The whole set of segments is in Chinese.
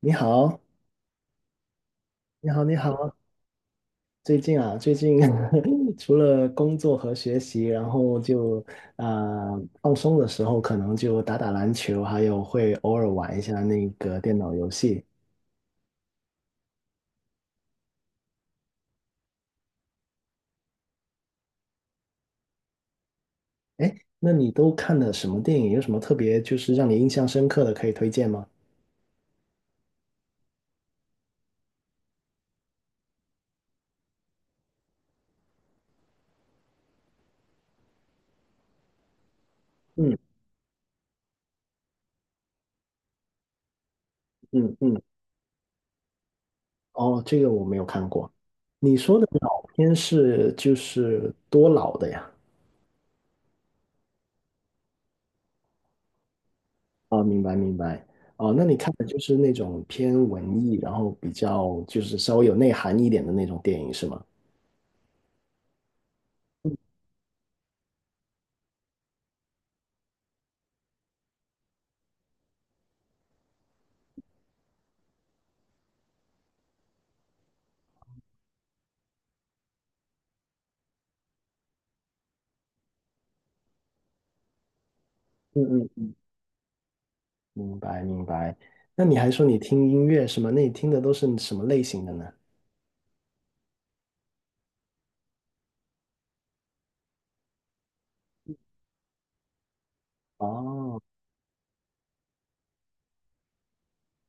你好，你好，你好。最近 除了工作和学习，然后就啊、放松的时候，可能就打打篮球，还有会偶尔玩一下那个电脑游戏。哎，那你都看了什么电影？有什么特别就是让你印象深刻的可以推荐吗？嗯嗯嗯，哦，这个我没有看过。你说的老片是就是多老的呀？哦，明白明白。哦，那你看的就是那种偏文艺，然后比较就是稍微有内涵一点的那种电影是吗？嗯嗯。明白明白。那你还说你听音乐是吗？那你听的都是什么类型的呢？哦，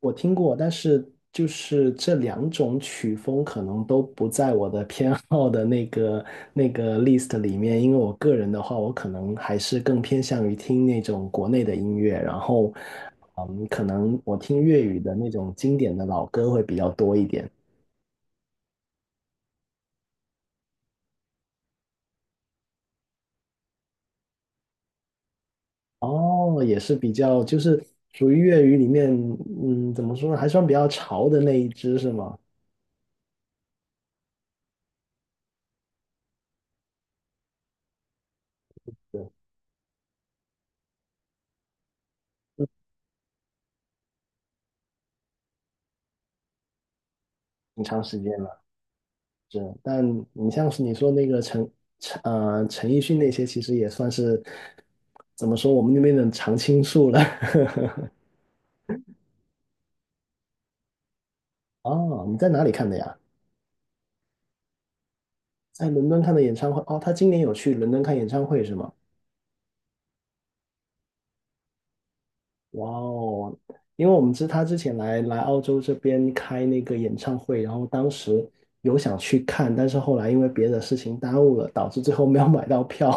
我听过，但是就是这两种曲风可能都不在我的偏好的那个list 里面，因为我个人的话，我可能还是更偏向于听那种国内的音乐，然后，嗯，可能我听粤语的那种经典的老歌会比较多一点。哦，也是比较就是属于粤语里面，嗯，怎么说呢，还算比较潮的那一支是吗？挺长时间了。是，但你像是你说那个陈奕迅那些，其实也算是怎么说我们那边的常青树了。哦，你在哪里看的呀？在伦敦看的演唱会。哦，他今年有去伦敦看演唱会是吗？哇哦，因为我们知他之前来澳洲这边开那个演唱会，然后当时有想去看，但是后来因为别的事情耽误了，导致最后没有买到票，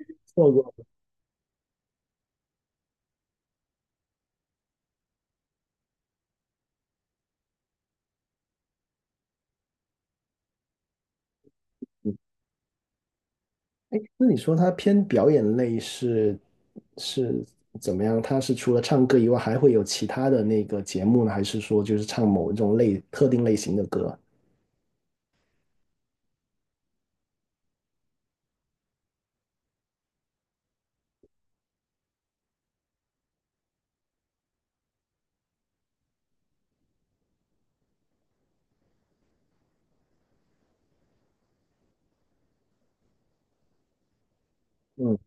错过。哎，那你说他偏表演类是怎么样？他是除了唱歌以外，还会有其他的那个节目呢？还是说就是唱某一种类特定类型的歌？嗯，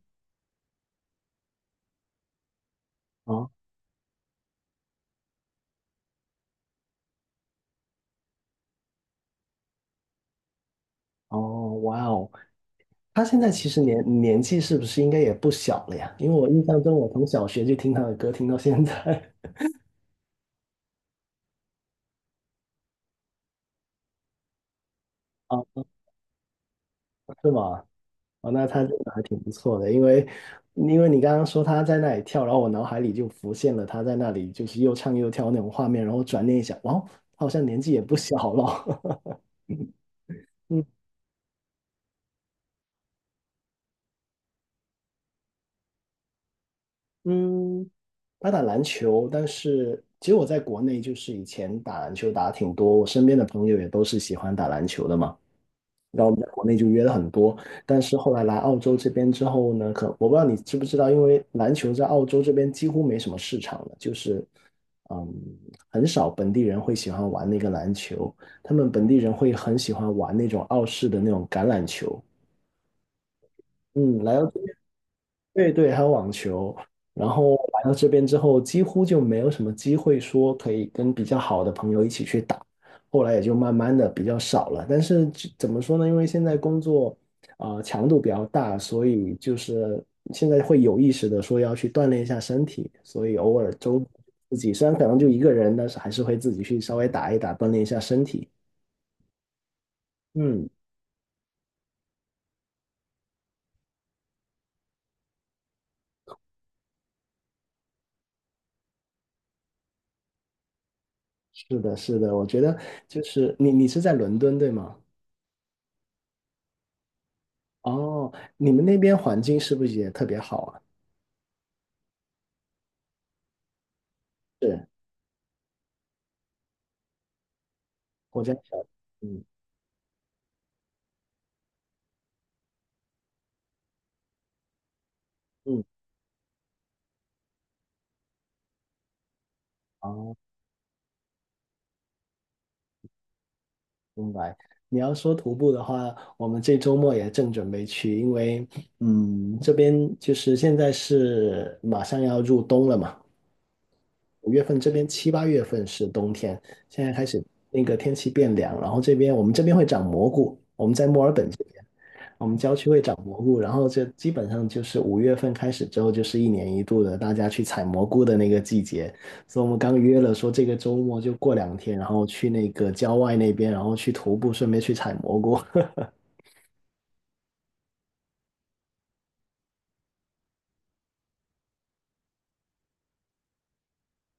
啊哦，哇哦，他现在其实年纪是不是应该也不小了呀？因为我印象中，我从小学就听他的歌，听到现在。啊，是吗？哦，那他这个还挺不错的，因为你刚刚说他在那里跳，然后我脑海里就浮现了他在那里就是又唱又跳那种画面，然后转念一想，哇，他好像年纪也不小了。嗯，他打篮球，但是其实我在国内就是以前打篮球打得挺多，我身边的朋友也都是喜欢打篮球的嘛。然后我们在国内就约了很多，但是后来来澳洲这边之后呢，可我不知道你知不知道，因为篮球在澳洲这边几乎没什么市场了，就是嗯，很少本地人会喜欢玩那个篮球，他们本地人会很喜欢玩那种澳式的那种橄榄球。嗯，来到，对对，还有网球。然后来到这边之后，几乎就没有什么机会说可以跟比较好的朋友一起去打，后来也就慢慢的比较少了。但是这怎么说呢？因为现在工作强度比较大，所以就是现在会有意识的说要去锻炼一下身体，所以偶尔周自己虽然可能就一个人，但是还是会自己去稍微打一打，锻炼一下身体。嗯，是的，是的，我觉得就是你是在伦敦对吗？哦，你们那边环境是不是也特别好啊？是，我家想，嗯嗯，哦，明白。你要说徒步的话，我们这周末也正准备去，因为嗯，这边就是现在是马上要入冬了嘛，五月份这边七八月份是冬天，现在开始那个天气变凉，然后这边我们这边会长蘑菇，我们在墨尔本这边。我们郊区会长蘑菇，然后这基本上就是五月份开始之后，就是一年一度的大家去采蘑菇的那个季节。所以我们刚约了说这个周末就过两天，然后去那个郊外那边，然后去徒步，顺便去采蘑菇。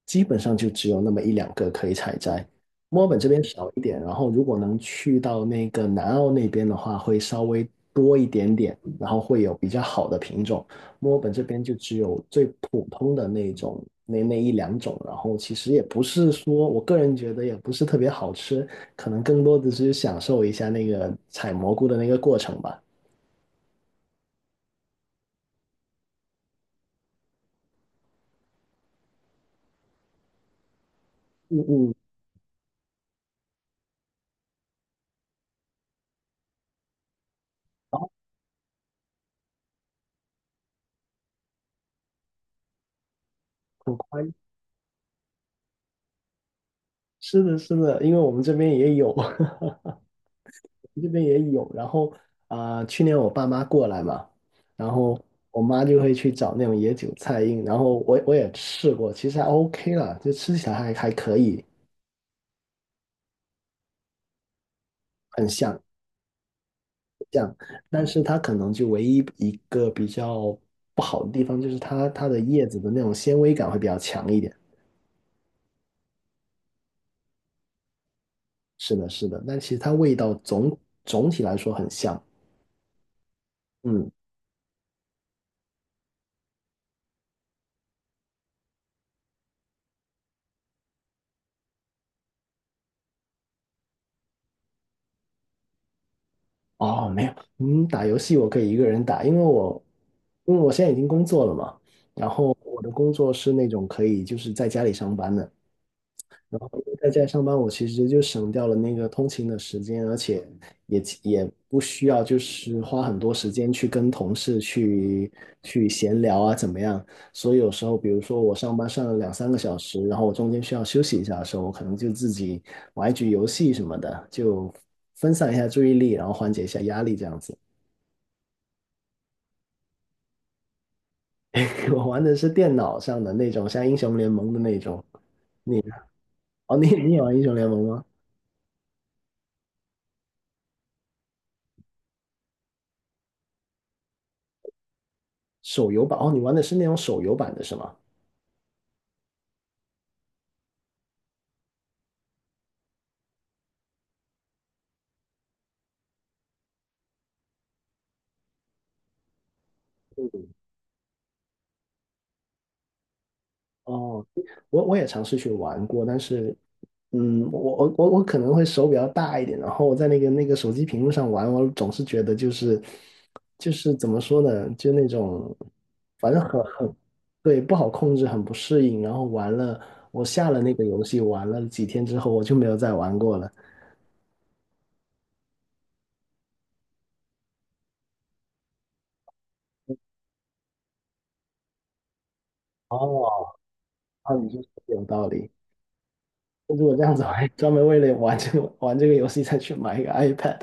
基本上就只有那么一两个可以采摘。墨尔本这边少一点，然后如果能去到那个南澳那边的话，会稍微多一点点，然后会有比较好的品种。墨尔本这边就只有最普通的那种，那一两种，然后其实也不是说，我个人觉得也不是特别好吃，可能更多的只是享受一下那个采蘑菇的那个过程吧。嗯嗯，很快，是的，是的，因为我们这边也有。这边也有，然后去年我爸妈过来嘛，然后我妈就会去找那种野韭菜印，然后我也试过，其实还 OK 啦，就吃起来还可以，很像，但是它可能就唯一一个比较不好的地方就是它的叶子的那种纤维感会比较强一点，是的，是的，但其实它味道总体来说很像，嗯。哦，没有，嗯，打游戏我可以一个人打，因为我现在已经工作了嘛，然后我的工作是那种可以就是在家里上班的，然后因为在家上班，我其实就省掉了那个通勤的时间，而且也不需要就是花很多时间去跟同事去闲聊啊，怎么样？所以有时候，比如说我上班上了两三个小时，然后我中间需要休息一下的时候，我可能就自己玩一局游戏什么的，就分散一下注意力，然后缓解一下压力这样子。我玩的是电脑上的那种，像英雄联盟的那种。你哦，你也玩英雄联盟吗？手游版哦，你玩的是那种手游版的是吗？哦，我也尝试去玩过，但是，嗯，我可能会手比较大一点，然后我在那个手机屏幕上玩，我总是觉得就是怎么说呢，就那种反正很，对，不好控制，很不适应。然后玩了，我下了那个游戏，玩了几天之后，我就没有再玩过了。哦，那你说的有道理。那如果这样子，我还专门为了玩这个游戏再去买一个 iPad。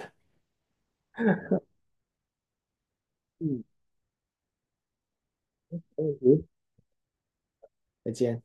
嗯，嗯，再见。